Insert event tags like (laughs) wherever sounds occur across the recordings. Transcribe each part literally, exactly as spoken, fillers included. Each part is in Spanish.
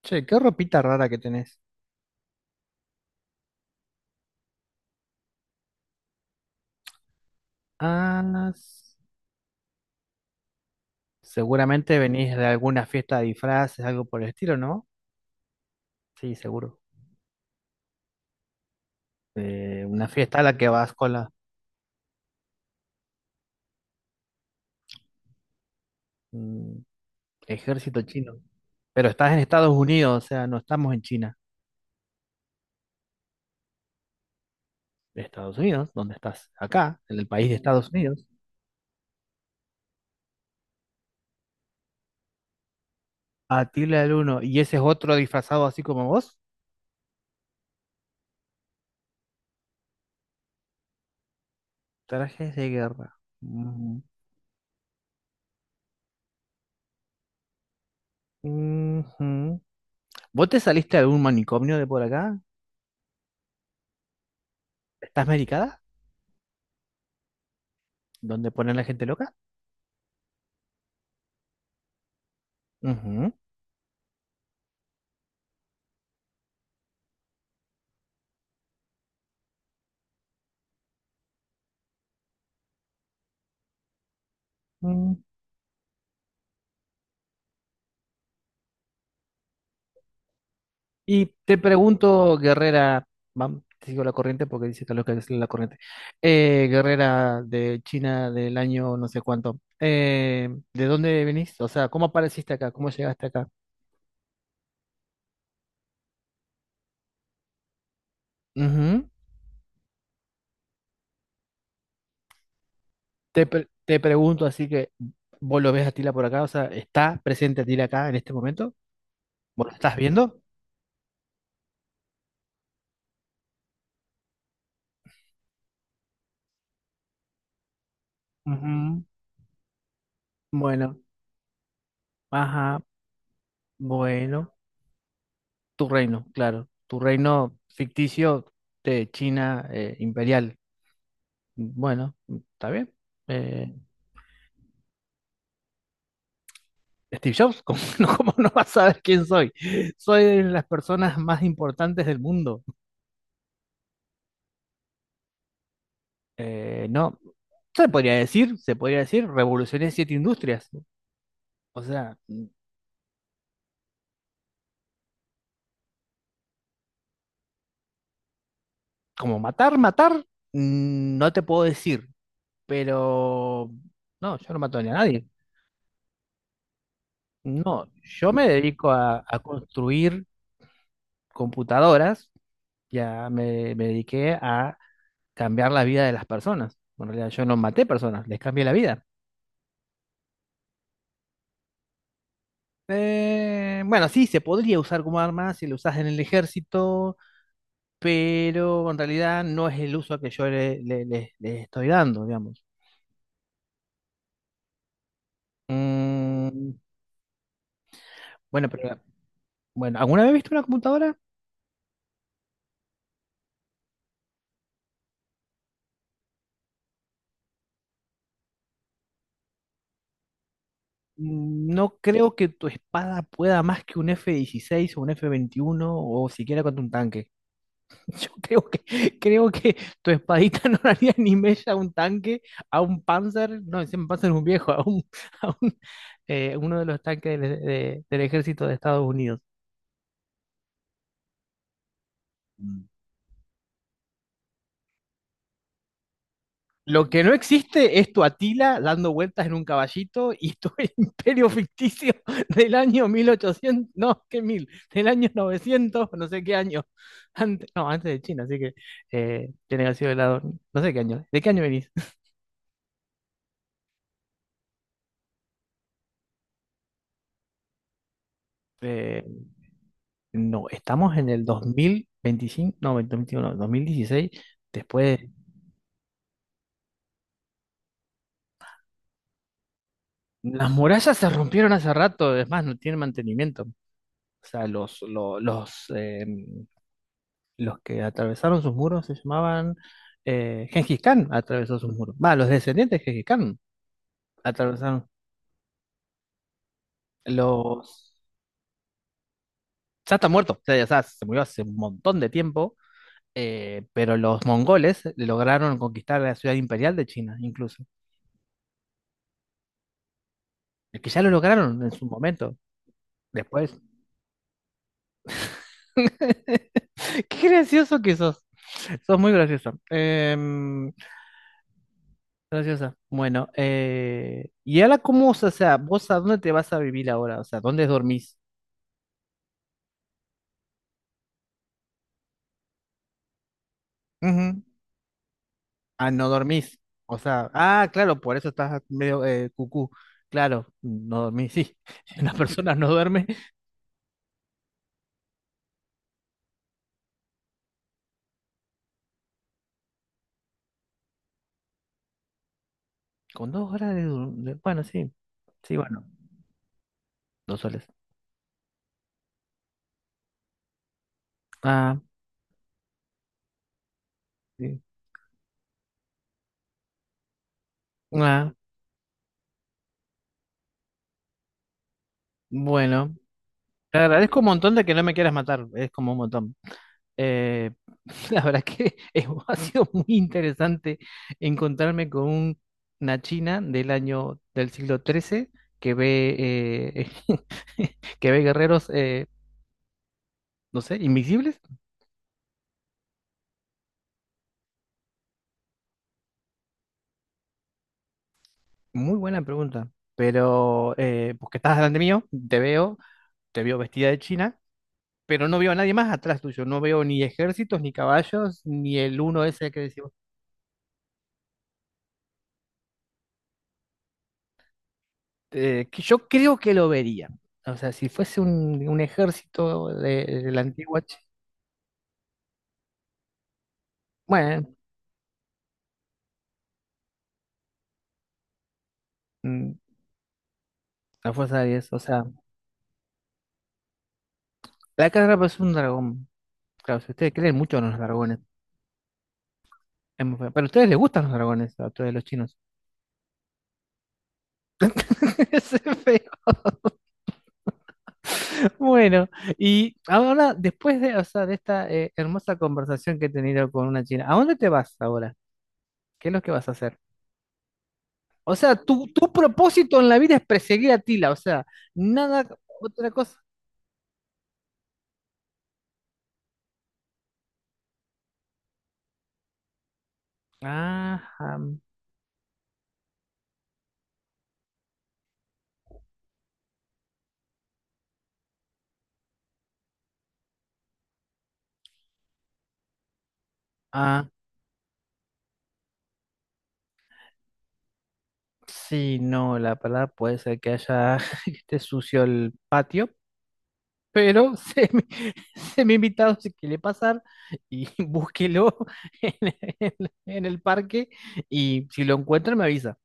Che, qué ropita rara que tenés. Ah, s- Seguramente venís de alguna fiesta de disfraces, algo por el estilo, ¿no? Sí, seguro. Eh, una fiesta a la que vas con la mm, ejército chino. Pero estás en Estados Unidos, o sea, no estamos en China. Estados Unidos, ¿dónde estás? Acá, en el país de Estados Unidos. Atila el Uno. ¿Y ese es otro disfrazado así como vos? Trajes de guerra. Ujú. Ujú. ¿Vos te saliste de algún manicomio de por acá? ¿Estás medicada? ¿Dónde ponen la gente loca? Ujú. Mm. Y te pregunto, Guerrera, vam- te sigo la corriente porque dice que lo que es la corriente. Eh, Guerrera de China del año no sé cuánto. Eh, ¿de dónde venís? O sea, ¿cómo apareciste acá? ¿Cómo llegaste acá? Ujú. Te, pre- te pregunto, así que vos lo ves a Tila por acá, o sea, ¿está presente Tila acá en este momento? ¿Vos lo estás viendo? Ujú. Bueno, ajá, bueno. Tu reino, claro. Tu reino ficticio de China, eh, imperial. Bueno, está bien. Eh, Steve Jobs, (laughs) ¿cómo no, cómo no vas a saber quién soy? Soy de las personas más importantes del mundo. Eh, no, se podría decir, se podría decir, revolucioné siete industrias. O sea, mm, como matar, matar, mm, no te puedo decir, pero no, yo no mato ni a nadie. No, yo me dedico a, a construir computadoras, ya me, me dediqué a cambiar la vida de las personas. Bueno, en realidad yo no maté personas, les cambié la vida. Eh, bueno, sí, se podría usar como arma si lo usas en el ejército, pero en realidad no es el uso que yo le, le- le- le estoy dando, digamos. Mm, bueno, pero bueno, ¿alguna vez viste una computadora? Mm, no creo que tu espada pueda más que un F dieciséis o un F veintiuno o siquiera contra un tanque. (laughs) Yo creo que, creo que tu espadita (laughs) no le haría ni mella a un tanque, a un Panzer, no, encima Panzer es un viejo, (laughs) a, un, a un, eh, uno de los tanques del, de- del ejército de Estados Unidos. Mm. Lo que no existe es tu Atila dando vueltas en un caballito y tu (laughs) imperio ficticio del año mil ochocientos, no, qué mil, del año novecientos, no sé qué año, antes, no, antes de China, así que eh, tiene que haber sido el lado, no sé qué año, ¿de qué año venís? (laughs) No, estamos en el dos mil veinticinco, no, dos mil veintiuno, dos mil dieciséis, después las murallas se rompieron hace rato, es más, no tienen mantenimiento. O sea, los, lo- los, eh, los que atravesaron sus muros se llamaban eh, Gengis Khan atravesó sus muros. Va, los descendientes de Gengis Khan atravesaron los... Ya está muerto, o sea, ya está, se murió hace un montón de tiempo, eh, pero los mongoles lograron conquistar la ciudad imperial de China, incluso. Es que ya lo lograron en su momento. Después (laughs) qué gracioso que sos. Sos muy graciosa. Em, graciosa. Bueno, eh, ¿y ahora cómo, o sea, vos a dónde te vas a vivir ahora? O sea, ¿dónde dormís? Ujú. Ah, no dormís. O sea, ah, claro, por eso estás medio eh, cucú. Claro, no dormís, sí. (laughs) Una persona no duerme con dos horas de, dur- de- bueno, sí. Sí, bueno, dos soles. Ah, sí. Ah, bueno. Te agradezco un montón de que no me quieras matar. Es como un montón. Eh, (laughs) la verdad que (laughs) es- ha sido muy interesante encontrarme con un- una china del año del siglo trece que ve, eh, (laughs) que ve guerreros, eh, no sé, invisibles. Muy buena pregunta, pero eh, porque estás delante mío, te veo, te veo vestida de china, pero no veo a nadie más atrás tuyo, no veo ni ejércitos, ni caballos, ni el uno ese que decimos, eh, que yo creo que lo vería. O sea, si fuese un, un ejército de, de la antigua China, bueno, mm, la fuerza de diez. O sea, la carga es un dragón. Claro, si ustedes creen mucho en los dragones. Es muy feo. Pero a ustedes les gustan los dragones, a todos los chinos. (laughs) Es feo. Bueno, y ahora, después de, o sea, de esta eh, hermosa conversación que he tenido con una china, ¿a dónde te vas ahora? ¿Qué es lo que vas a hacer? O sea, tu, tu propósito en la vida es perseguir a Tila, o sea, nada, otra cosa. Ajá. Ah, sí, no, la palabra puede ser que haya, (laughs) que esté sucio el patio. Pero semi, (laughs) semi invitado si quiere pasar y (laughs) búsquelo en, el- en el parque y si lo encuentra me avisa.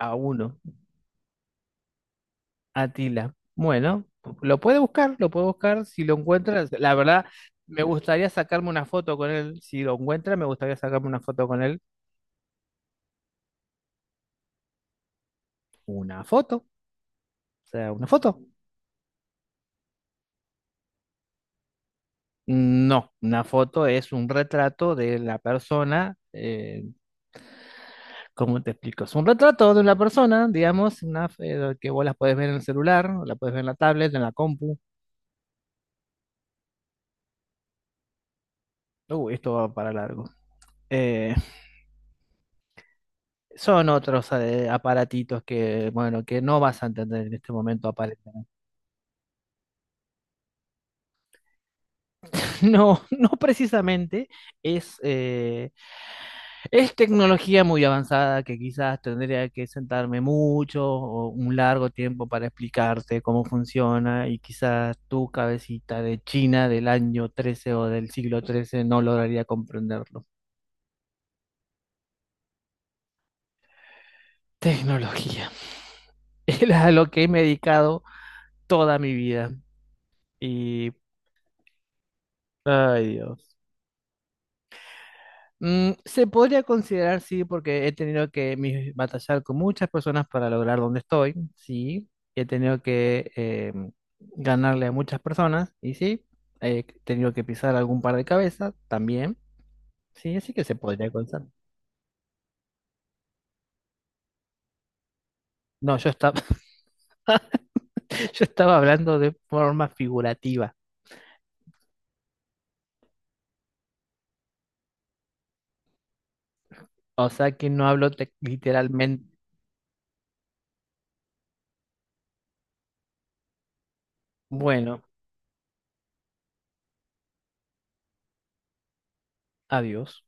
A uno, Atila. Bueno, lo puede buscar, lo puede buscar si lo encuentra. La verdad, me gustaría sacarme una foto con él. Si lo encuentra, me gustaría sacarme una foto con él. Una foto, o sea, una foto. No, una foto es un retrato de la persona, eh, ¿cómo te explico? Es un retrato de una persona, digamos, una, eh, que vos la puedes ver en el celular, o la puedes ver en la tablet, en la compu. Uh, esto va para largo. Eh, Son otros eh, aparatitos que, bueno, que no vas a entender en este momento aparentemente. (laughs) No, no precisamente es eh, es tecnología muy avanzada que quizás tendría que sentarme mucho o un largo tiempo para explicarte cómo funciona y quizás tu cabecita de China del año trece o del siglo trece no lograría comprenderlo. Tecnología. (laughs) Es a lo que me he dedicado toda mi vida y, ay Dios. Mm, se podría considerar, sí, porque he tenido que mi- batallar con muchas personas para lograr donde estoy, sí. He tenido que eh, ganarle a muchas personas, y sí. He tenido que pisar algún par de cabezas, también, sí, así que se podría considerar. No, yo estaba, (laughs) yo estaba hablando de forma figurativa, o sea que no hablo te- literalmente. Bueno, adiós.